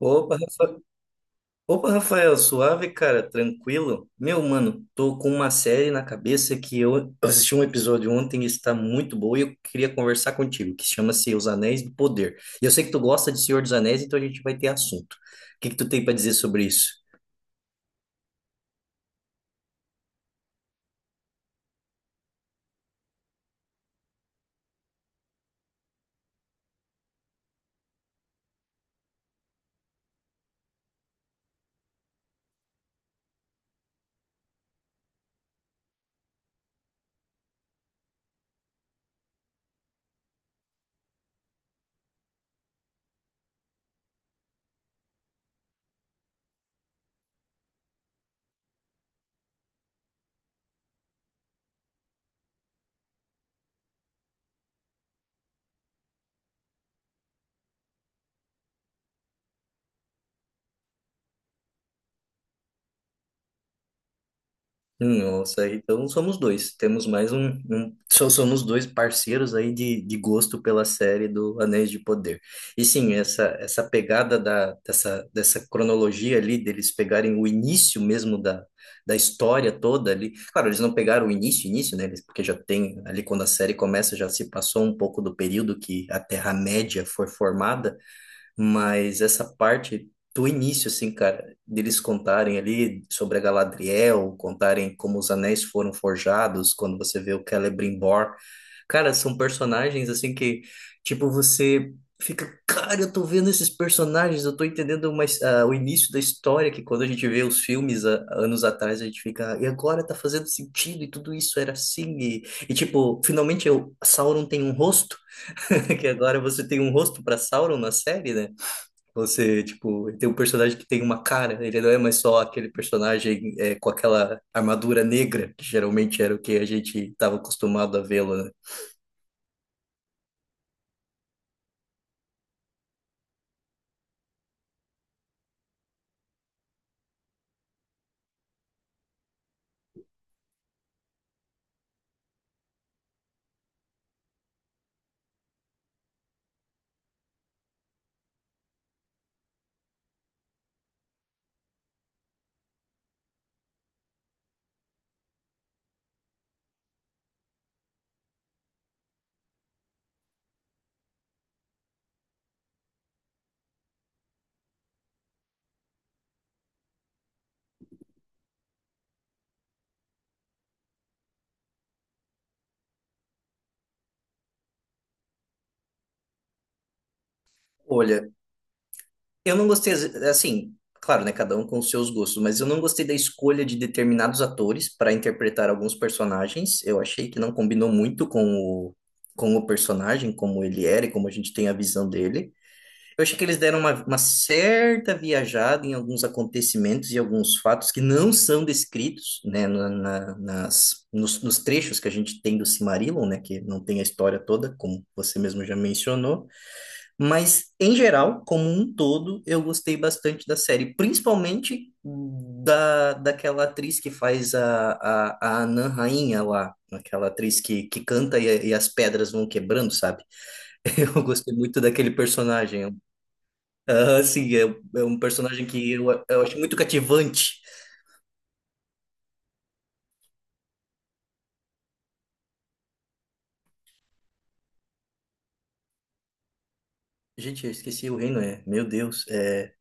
Opa, Rafa... Opa, Rafael, suave, cara, tranquilo? Meu, mano, tô com uma série na cabeça que eu assisti um episódio ontem e está muito boa e eu queria conversar contigo, que chama-se Os Anéis do Poder. E eu sei que tu gosta de Senhor dos Anéis, então a gente vai ter assunto. O que que tu tem para dizer sobre isso? Nossa, então somos dois. Temos mais Só somos dois parceiros aí de gosto pela série do Anéis de Poder. E sim, essa pegada dessa cronologia ali, deles pegarem o início mesmo da história toda ali. Claro, eles não pegaram o início, início, né? Porque já tem ali quando a série começa, já se passou um pouco do período que a Terra-média foi formada. Mas essa parte do início, assim, cara, deles contarem ali sobre a Galadriel, contarem como os anéis foram forjados, quando você vê o Celebrimbor. Cara, são personagens, assim, que, tipo, você fica, cara, eu tô vendo esses personagens, eu tô entendendo mais, ah, o início da história, que quando a gente vê os filmes ah, anos atrás, a gente fica, e agora tá fazendo sentido, e tudo isso era assim, e tipo, finalmente eu, Sauron tem um rosto, que agora você tem um rosto para Sauron na série, né? Você, tipo, ele tem um personagem que tem uma cara, ele não é mais só aquele personagem é, com aquela armadura negra, que geralmente era o que a gente estava acostumado a vê-lo, né? Olha, eu não gostei, assim, claro, né, cada um com os seus gostos, mas eu não gostei da escolha de determinados atores para interpretar alguns personagens. Eu achei que não combinou muito com com o personagem, como ele era e como a gente tem a visão dele. Eu achei que eles deram uma certa viajada em alguns acontecimentos e alguns fatos que não são descritos, né, nos trechos que a gente tem do Silmarillion, né, que não tem a história toda, como você mesmo já mencionou, mas em geral, como um todo, eu gostei bastante da série, principalmente daquela atriz que faz a Anã Rainha lá, aquela atriz que canta e as pedras vão quebrando, sabe? Eu gostei muito daquele personagem, ah, sim, é, é um personagem que eu acho muito cativante. Gente, eu esqueci o reino, é. Meu Deus, é,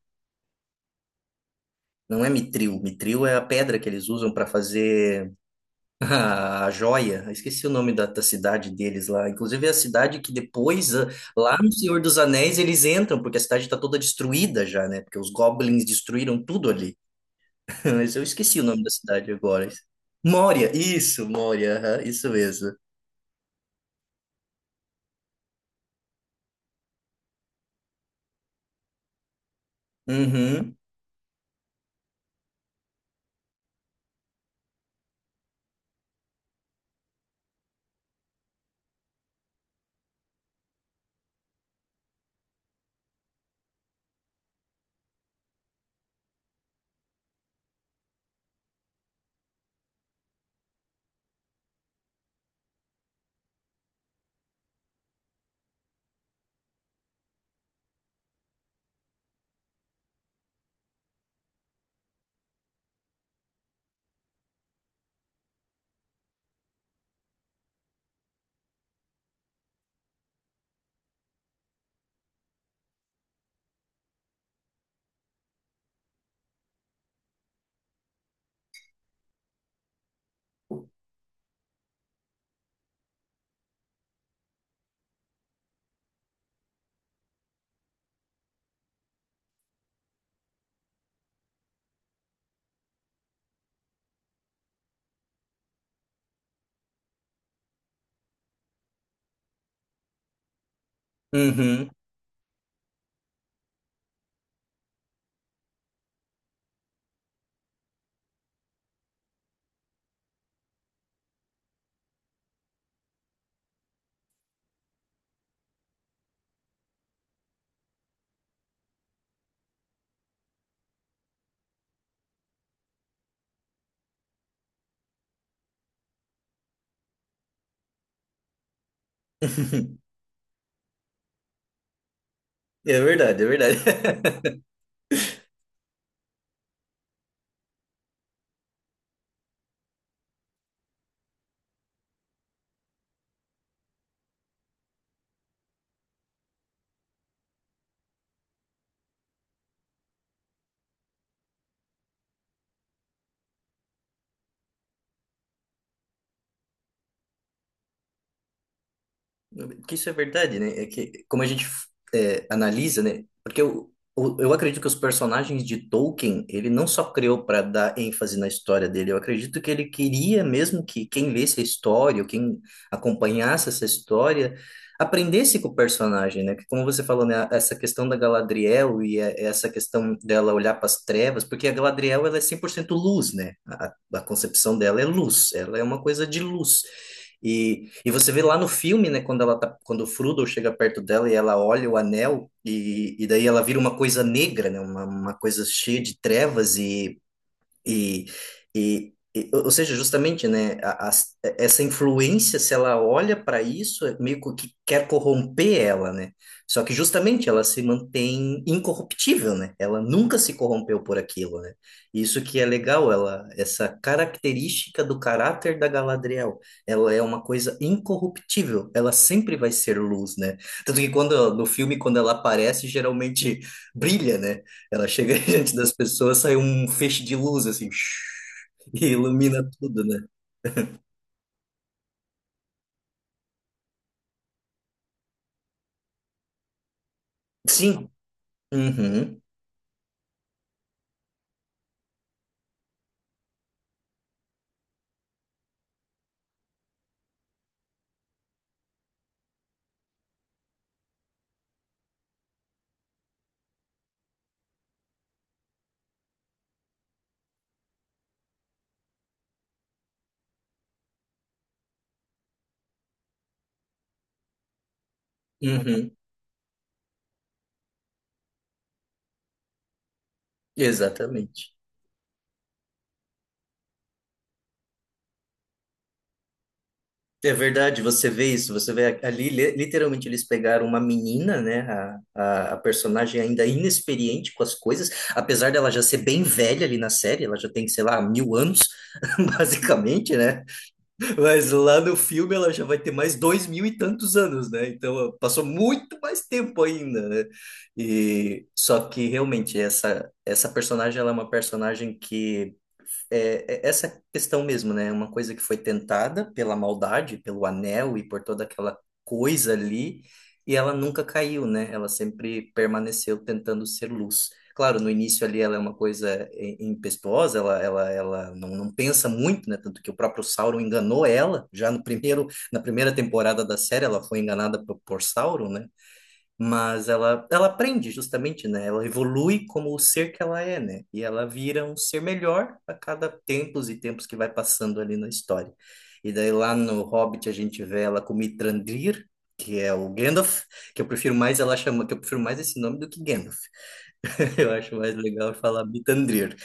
não é Mithril. Mithril é a pedra que eles usam para fazer a joia. Eu esqueci o nome da cidade deles lá. Inclusive é a cidade que depois, ah, lá no Senhor dos Anéis, eles entram, porque a cidade está toda destruída já, né? Porque os goblins destruíram tudo ali. Mas eu esqueci o nome da cidade agora. Moria, isso, Moria, aham, isso mesmo. Uhum, uhum. É verdade, é verdade. Porque isso é verdade, né? É que como a gente é, analisa, né? Porque eu, eu acredito que os personagens de Tolkien, ele não só criou para dar ênfase na história dele, eu acredito que ele queria mesmo que quem lesse a história, ou quem acompanhasse essa história, aprendesse com o personagem, né? Que como você falou, né? Essa questão da Galadriel essa questão dela olhar para as trevas, porque a Galadriel, ela é 100% luz, né? A concepção dela é luz, ela é uma coisa de luz. E você vê lá no filme, né, quando ela tá, quando o Frodo chega perto dela e ela olha o anel, e daí ela vira uma coisa negra, né, uma coisa cheia de trevas, e, ou seja, justamente, né, essa influência, se ela olha para isso, é meio que quer corromper ela, né? Só que justamente ela se mantém incorruptível, né? Ela nunca se corrompeu por aquilo, né? Isso que é legal, ela, essa característica do caráter da Galadriel, ela é uma coisa incorruptível, ela sempre vai ser luz, né? Tanto que quando no filme, quando ela aparece, geralmente brilha, né? Ela chega diante das pessoas, sai um feixe de luz, assim, e ilumina tudo, né? Sim. Uhum. Uhum. Exatamente. É verdade, você vê isso, você vê literalmente, eles pegaram uma menina, né? A personagem ainda inexperiente com as coisas, apesar dela já ser bem velha ali na série, ela já tem, sei lá, 1000 anos, basicamente, né? Mas lá no filme ela já vai ter mais 2000 e tantos anos, né? Então ela passou muito mais tempo ainda, né? E só que realmente essa personagem ela é uma personagem que é, é essa questão mesmo, né? Uma coisa que foi tentada pela maldade, pelo anel e por toda aquela coisa ali, e ela nunca caiu, né? Ela sempre permaneceu tentando ser luz. Claro, no início ali ela é uma coisa i- impetuosa, ela não, não pensa muito, né? Tanto que o próprio Sauron enganou ela, já no primeiro, na primeira temporada da série ela foi enganada por Sauron, né? Mas ela aprende justamente, né? Ela evolui como o ser que ela é, né? E ela vira um ser melhor a cada tempos e tempos que vai passando ali na história. E daí lá no Hobbit a gente vê ela com Mithrandir, que é o Gandalf, que eu prefiro mais ela chama, que eu prefiro mais esse nome do que Gandalf. Eu acho mais legal falar Mithrandir.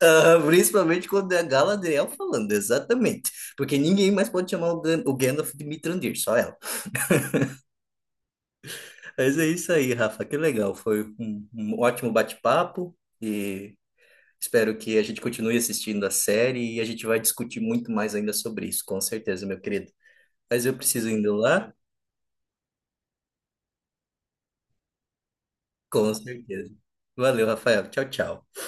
Ah, principalmente quando é a Galadriel falando, exatamente. Porque ninguém mais pode chamar o Gandalf de Mithrandir, só ela. Mas é isso aí, Rafa. Que legal. Foi um ótimo bate-papo e espero que a gente continue assistindo a série e a gente vai discutir muito mais ainda sobre isso, com certeza, meu querido. Mas eu preciso indo lá? Com certeza. Valeu, Rafael. Tchau, tchau.